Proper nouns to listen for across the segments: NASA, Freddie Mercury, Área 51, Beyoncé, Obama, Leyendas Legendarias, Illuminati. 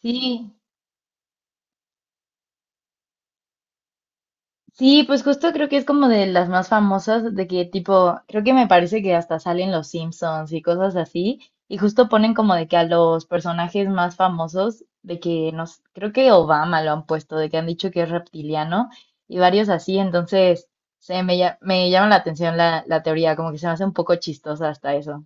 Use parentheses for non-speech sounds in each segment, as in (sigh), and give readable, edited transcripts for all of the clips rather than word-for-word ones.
Sí, sí, pues justo creo que es como de las más famosas, de que tipo, creo que me parece que hasta salen los Simpsons y cosas así, y justo ponen como de que a los personajes más famosos, de que nos, creo que Obama lo han puesto, de que han dicho que es reptiliano y varios así, entonces me llama la atención la teoría, como que se me hace un poco chistosa hasta eso.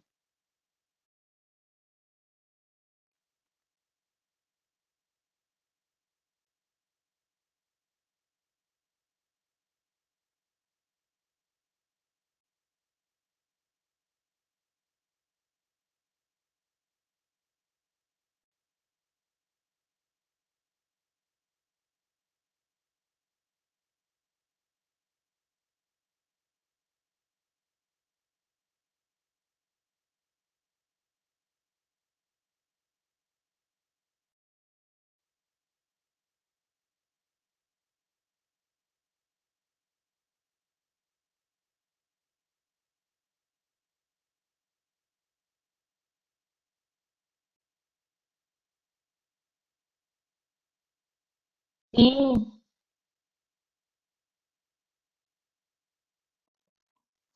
Sí,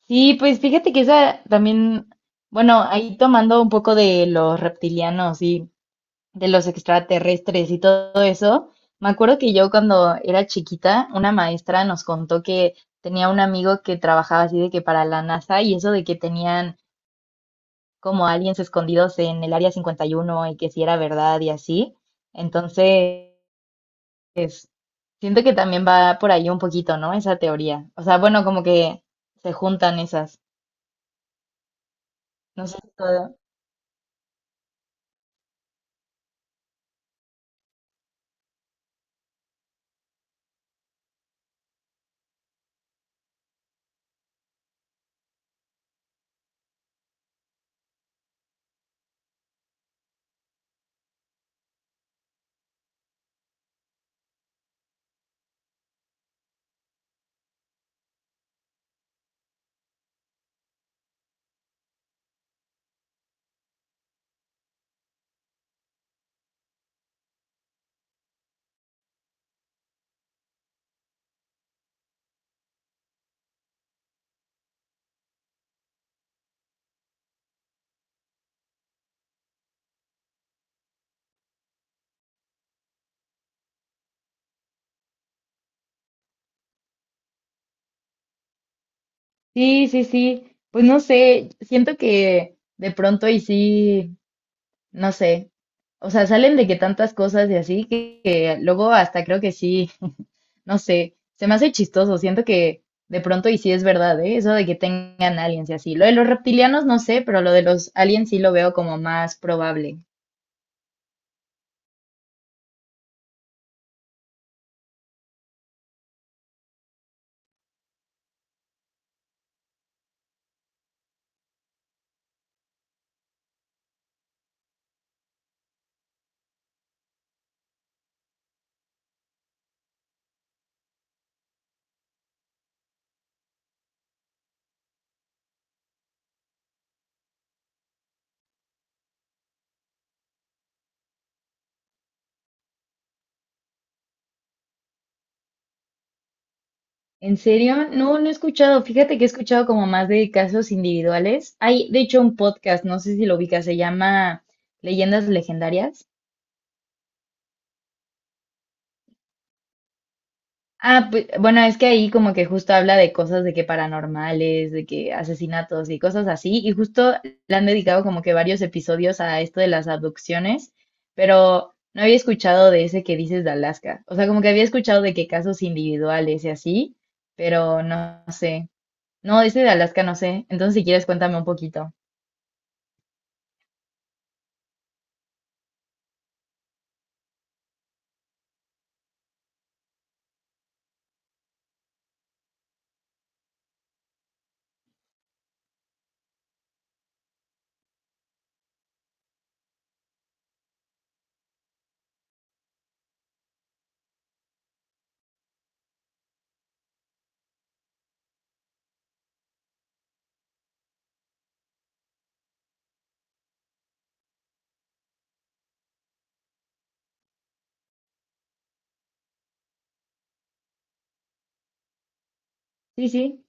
sí, pues fíjate que esa también, bueno, ahí tomando un poco de los reptilianos, sí. De los extraterrestres y todo eso. Me acuerdo que yo cuando era chiquita, una maestra nos contó que tenía un amigo que trabajaba así de que para la NASA y eso de que tenían como aliens escondidos en el Área 51 y uno y que si era verdad y así. Entonces, siento que también va por ahí un poquito, ¿no? Esa teoría. O sea, bueno, como que se juntan esas. No sé si todo. Sí, sí, sí. Pues no sé, siento que de pronto y sí. No sé. O sea, salen de que tantas cosas y así que luego hasta creo que sí, (laughs) no sé, se me hace chistoso, siento que de pronto y sí es verdad, ¿eh? Eso de que tengan aliens y así. Lo de los reptilianos no sé, pero lo de los aliens sí lo veo como más probable. ¿En serio? No, no he escuchado. Fíjate que he escuchado como más de casos individuales. Hay, de hecho, un podcast, no sé si lo ubicas, se llama Leyendas Legendarias. Ah, pues, bueno, es que ahí como que justo habla de cosas de que paranormales, de que asesinatos y cosas así, y justo le han dedicado como que varios episodios a esto de las abducciones, pero no había escuchado de ese que dices de Alaska. O sea, como que había escuchado de que casos individuales y así, pero no sé. No, ese de Alaska no sé. Entonces, si quieres, cuéntame un poquito. Sí, sí.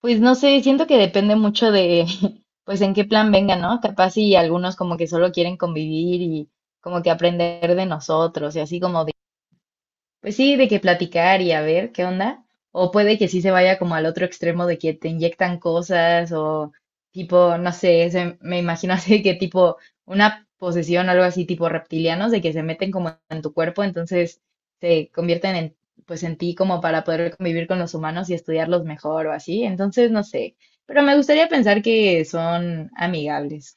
Pues no sé, siento que depende mucho de, (laughs) pues en qué plan venga, ¿no? Capaz y algunos como que solo quieren convivir y como que aprender de nosotros y así como pues sí, de que platicar y a ver qué onda. O puede que sí se vaya como al otro extremo de que te inyectan cosas o tipo, no sé, me imagino (laughs) así que tipo una posesión o algo así tipo reptilianos de que se meten como en tu cuerpo, entonces se convierten en, pues en ti como para poder convivir con los humanos y estudiarlos mejor o así. Entonces, no sé, pero me gustaría pensar que son amigables.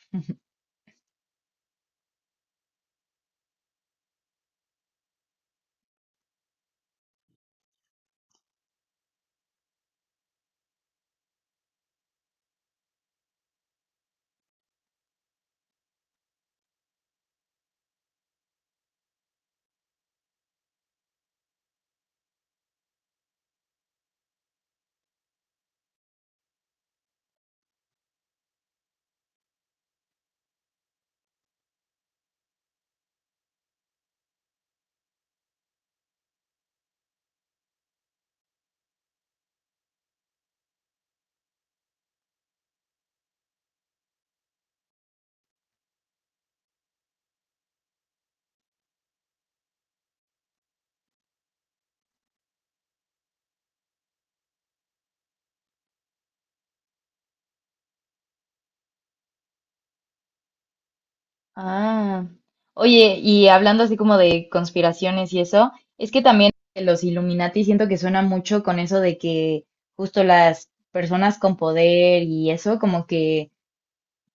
Ah, oye, y hablando así como de conspiraciones y eso, es que también los Illuminati siento que suena mucho con eso de que justo las personas con poder y eso, como que,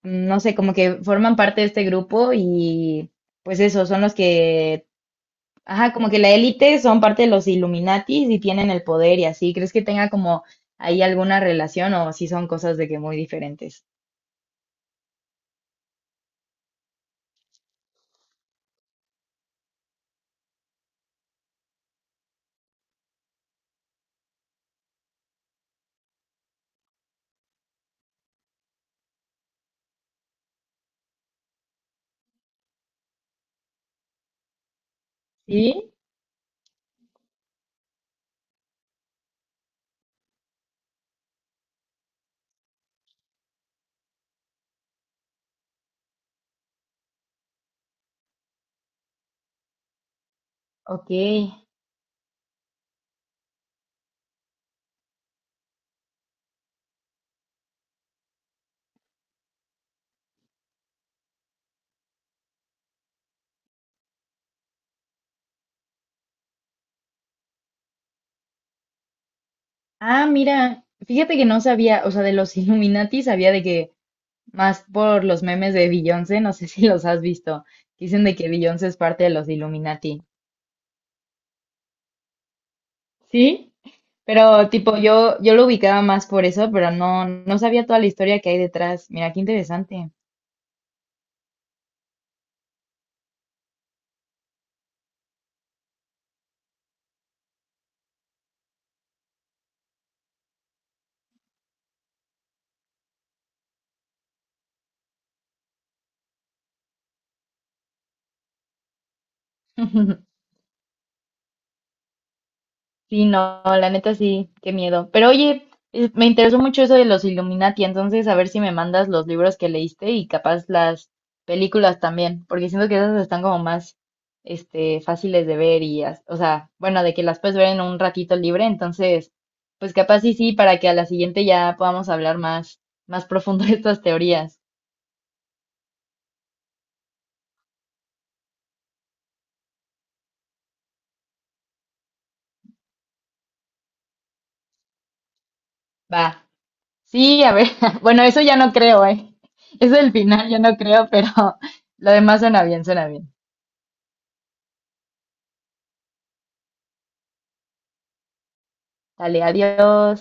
no sé, como que forman parte de este grupo y pues eso, son los que, ajá, como que la élite son parte de los Illuminati y tienen el poder y así. ¿Crees que tenga como ahí alguna relación o si son cosas de que muy diferentes? Sí, ok. Ah, mira, fíjate que no sabía, o sea, de los Illuminati sabía de que más por los memes de Beyoncé, no sé (laughs) si los has visto, que dicen de que Beyoncé es parte de los Illuminati. Sí, pero tipo yo lo ubicaba más por eso, pero no sabía toda la historia que hay detrás. Mira, qué interesante. (laughs) Sí, no, la neta sí, qué miedo. Pero oye, me interesó mucho eso de los Illuminati, entonces a ver si me mandas los libros que leíste y capaz las películas también, porque siento que esas están como más, este, fáciles de ver y, o sea, bueno, de que las puedes ver en un ratito libre, entonces, pues capaz sí, sí, para que a la siguiente ya podamos hablar más, más profundo de estas teorías. Va. Sí, a ver, (laughs) bueno, eso ya no creo, ¿eh? (laughs) Eso del final ya no creo, pero (laughs) lo demás suena bien, suena bien. Dale, adiós.